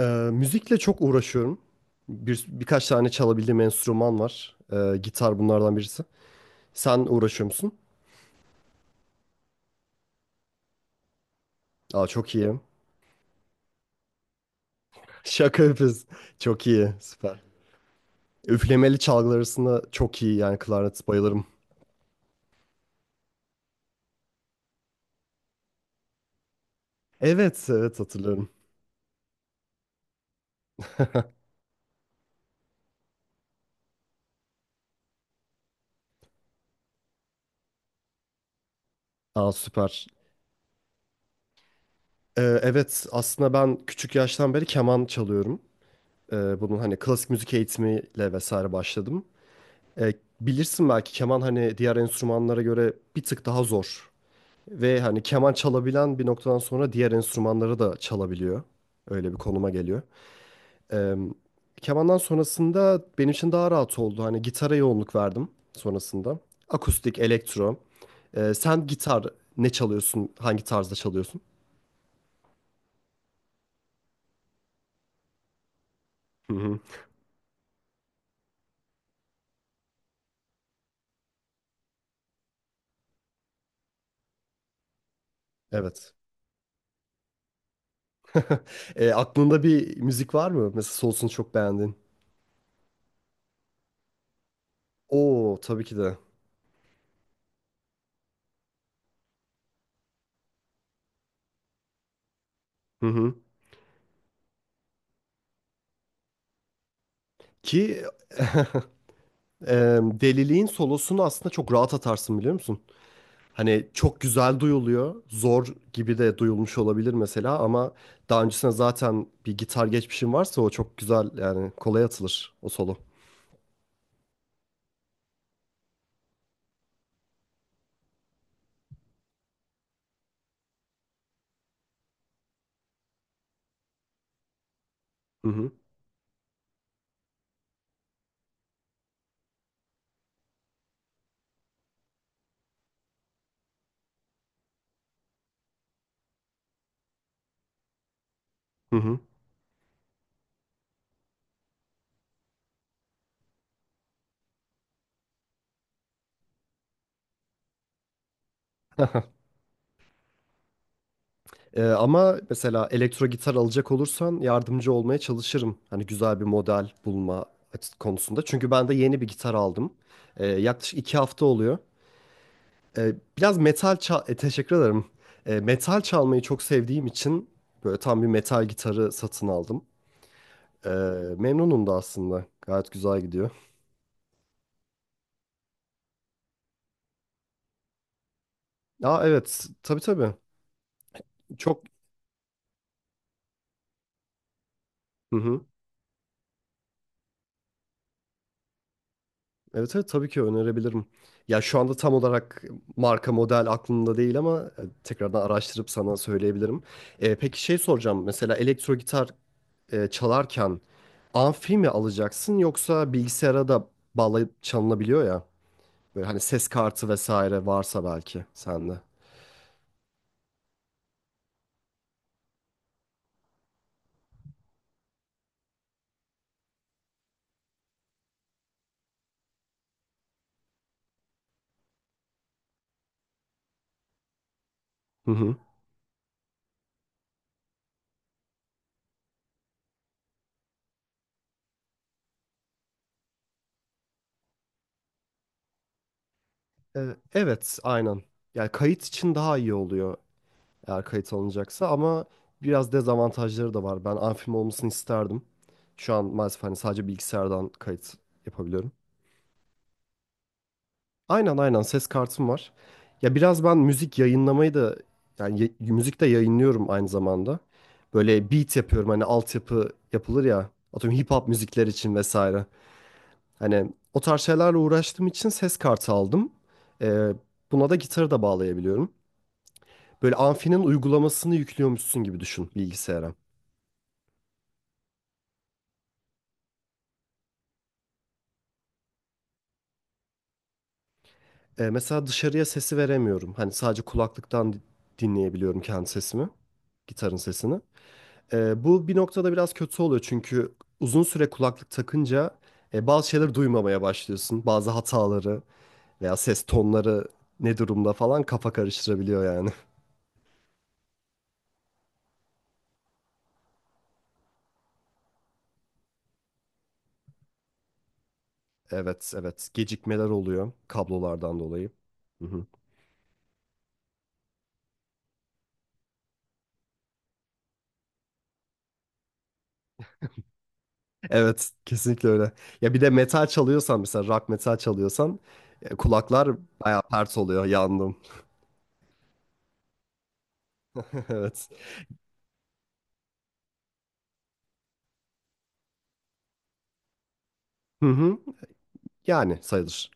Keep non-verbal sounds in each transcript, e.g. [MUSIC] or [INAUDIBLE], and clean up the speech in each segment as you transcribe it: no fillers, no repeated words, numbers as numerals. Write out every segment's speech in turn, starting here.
Ee, müzikle çok uğraşıyorum. Birkaç tane çalabildiğim enstrüman var. Gitar bunlardan birisi. Sen uğraşıyor musun? Aa, çok iyi. [LAUGHS] Şaka yapıyorsun. Çok iyi. Süper. Üflemeli çalgılar arasında çok iyi yani klarnet bayılırım. Evet, evet, hatırlıyorum. [LAUGHS] Aa, süper. Evet, aslında ben küçük yaştan beri keman çalıyorum. Bunun hani klasik müzik eğitimiyle vesaire başladım. Ee, bilirsin belki keman hani diğer enstrümanlara göre bir tık daha zor. Ve hani keman çalabilen bir noktadan sonra diğer enstrümanları da çalabiliyor. Öyle bir konuma geliyor. Eee, kemandan sonrasında benim için daha rahat oldu. Hani gitara yoğunluk verdim sonrasında. Akustik, elektro. Sen gitar ne çalıyorsun? Hangi tarzda çalıyorsun? Hı hı. Evet. [LAUGHS] Aklında bir müzik var mı? Mesela Souls'unu çok beğendin. Oo, tabii ki de. Hı hı. Ki [LAUGHS] deliliğin solosunu aslında çok rahat atarsın biliyor musun? Hani çok güzel duyuluyor. Zor gibi de duyulmuş olabilir mesela ama daha öncesinde zaten bir gitar geçmişim varsa o çok güzel yani kolay atılır o solo. Hı hı. Hı hı. [LAUGHS] Ama mesela elektro gitar alacak olursan yardımcı olmaya çalışırım. Hani güzel bir model bulma konusunda. Çünkü ben de yeni bir gitar aldım. Yaklaşık iki hafta oluyor. Biraz metal çal... e, teşekkür ederim. Metal çalmayı çok sevdiğim için böyle tam bir metal gitarı satın aldım. Ee, memnunum da aslında. Gayet güzel gidiyor. Ya evet, tabii, tabii. Çok hı hı. Evet, evet, tabii ki önerebilirim. Ya şu anda tam olarak marka model aklımda değil ama tekrardan araştırıp sana söyleyebilirim. Peki şey soracağım. Mesela elektro gitar çalarken amfi mi alacaksın yoksa bilgisayara da bağlayıp çalınabiliyor ya. Böyle hani ses kartı vesaire varsa belki sende. Hı hı. Evet, aynen. Yani kayıt için daha iyi oluyor. Eğer kayıt alınacaksa ama biraz dezavantajları da var. Ben amfim olmasını isterdim. Şu an maalesef hani sadece bilgisayardan kayıt yapabiliyorum. Aynen, aynen, ses kartım var. Ya biraz ben müzik yayınlamayı da yani müzik de yayınlıyorum aynı zamanda. Böyle beat yapıyorum hani altyapı yapılır ya. Atıyorum hip hop müzikler için vesaire. Hani o tarz şeylerle uğraştığım için ses kartı aldım. Ee, buna da gitarı da bağlayabiliyorum. Böyle amfinin uygulamasını yüklüyormuşsun gibi düşün bilgisayara. Mesela dışarıya sesi veremiyorum. Hani sadece kulaklıktan dinleyebiliyorum kendi sesimi, gitarın sesini. Bu bir noktada biraz kötü oluyor çünkü uzun süre kulaklık takınca bazı şeyleri duymamaya başlıyorsun. Bazı hataları veya ses tonları ne durumda falan kafa karıştırabiliyor yani. [LAUGHS] Evet, evet. Gecikmeler oluyor kablolardan dolayı. Hı hı. Evet, kesinlikle öyle. Ya bir de metal çalıyorsan, mesela rock metal çalıyorsan, kulaklar bayağı pert oluyor. Yandım. [LAUGHS] Evet. Hı hı. Yani sayılır.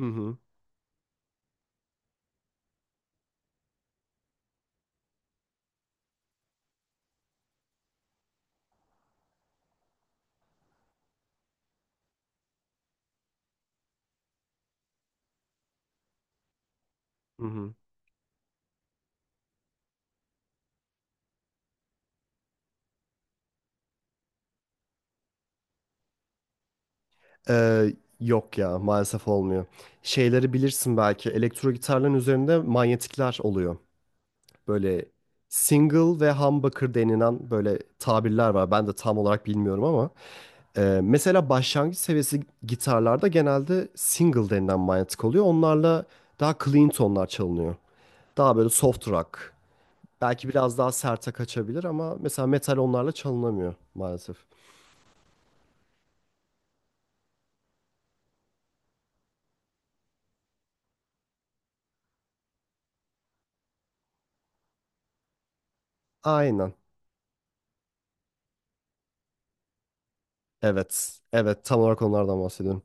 Hı hı. Hı hı. Ee, yok ya, maalesef olmuyor. Şeyleri bilirsin belki, elektro gitarların üzerinde manyetikler oluyor. Böyle single ve humbucker denilen böyle tabirler var. Ben de tam olarak bilmiyorum ama. Mesela başlangıç seviyesi gitarlarda genelde single denilen manyetik oluyor. Onlarla daha clean tonlar çalınıyor. Daha böyle soft rock. Belki biraz daha serte kaçabilir ama mesela metal onlarla çalınamıyor maalesef. Aynen. Evet. Evet. Tam olarak onlardan bahsediyorum.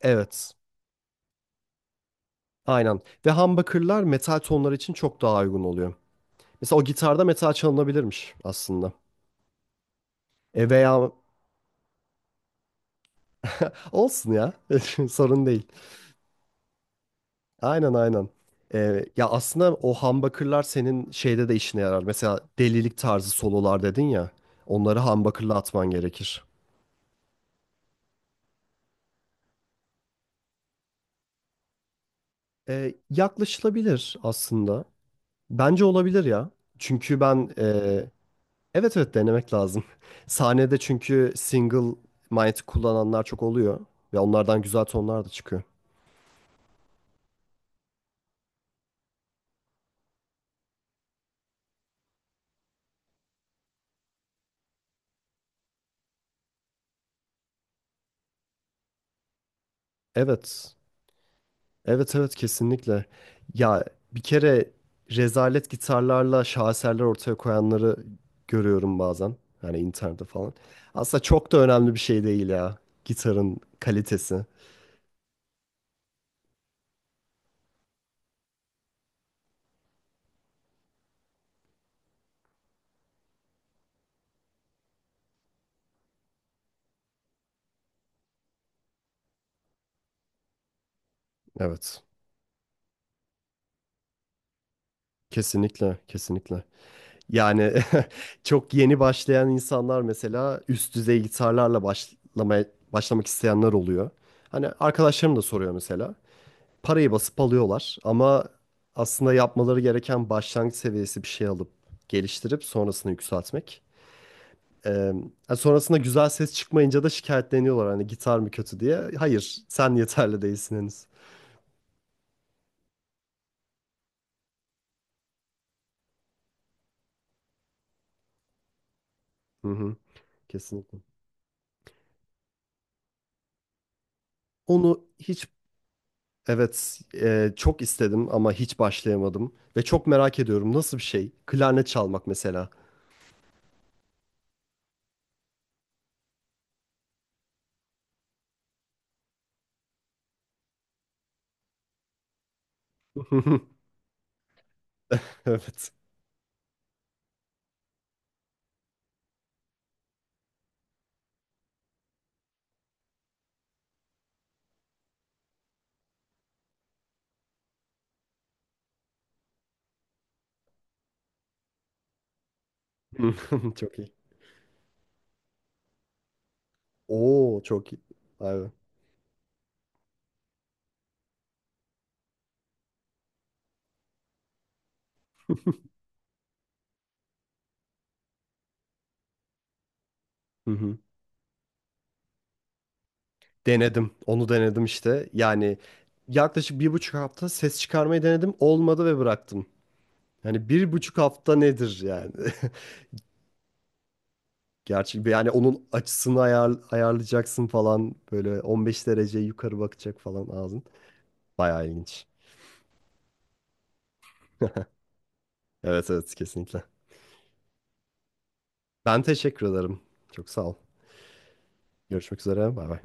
Evet. Aynen. Ve humbucker'lar metal tonlar için çok daha uygun oluyor. Mesela o gitarda metal çalınabilirmiş aslında. E veya olsun ya. [LAUGHS] Sorun değil. Aynen, aynen. Ya aslında o humbucker'lar senin şeyde de işine yarar. Mesela delilik tarzı sololar dedin ya. Onları humbucker'la atman gerekir. Yaklaşılabilir aslında. Bence olabilir ya. Çünkü ben. Evet, evet, denemek lazım. [LAUGHS] Sahnede çünkü single mic kullananlar çok oluyor ve onlardan güzel tonlar da çıkıyor. Evet. Evet, evet, kesinlikle. Ya bir kere rezalet gitarlarla şaheserler ortaya koyanları görüyorum bazen. Yani internette falan. Aslında çok da önemli bir şey değil ya, gitarın kalitesi. Evet. Kesinlikle, kesinlikle. Yani [LAUGHS] çok yeni başlayan insanlar, mesela üst düzey gitarlarla başlamak isteyenler oluyor. Hani arkadaşlarım da soruyor mesela. Parayı basıp alıyorlar ama aslında yapmaları gereken başlangıç seviyesi bir şey alıp geliştirip sonrasını yükseltmek. Ee, yani sonrasında güzel ses çıkmayınca da şikayetleniyorlar hani gitar mı kötü diye. Hayır, sen yeterli değilsin henüz. Hı hı, kesinlikle. Onu hiç Evet, çok istedim ama hiç başlayamadım ve çok merak ediyorum, nasıl bir şey? Klarnet çalmak mesela. [LAUGHS] Evet. [LAUGHS] Çok iyi. Oo, çok iyi. Vay. Hı hı. Denedim. Onu denedim işte. Yani yaklaşık bir buçuk hafta ses çıkarmayı denedim. Olmadı ve bıraktım. Yani bir buçuk hafta nedir yani? [LAUGHS] Gerçi yani onun açısını ayarlayacaksın falan. Böyle 15 derece yukarı bakacak falan ağzın. Bayağı ilginç. Evet, evet, kesinlikle. Ben teşekkür ederim. Çok sağ ol. Görüşmek üzere. Bay bay.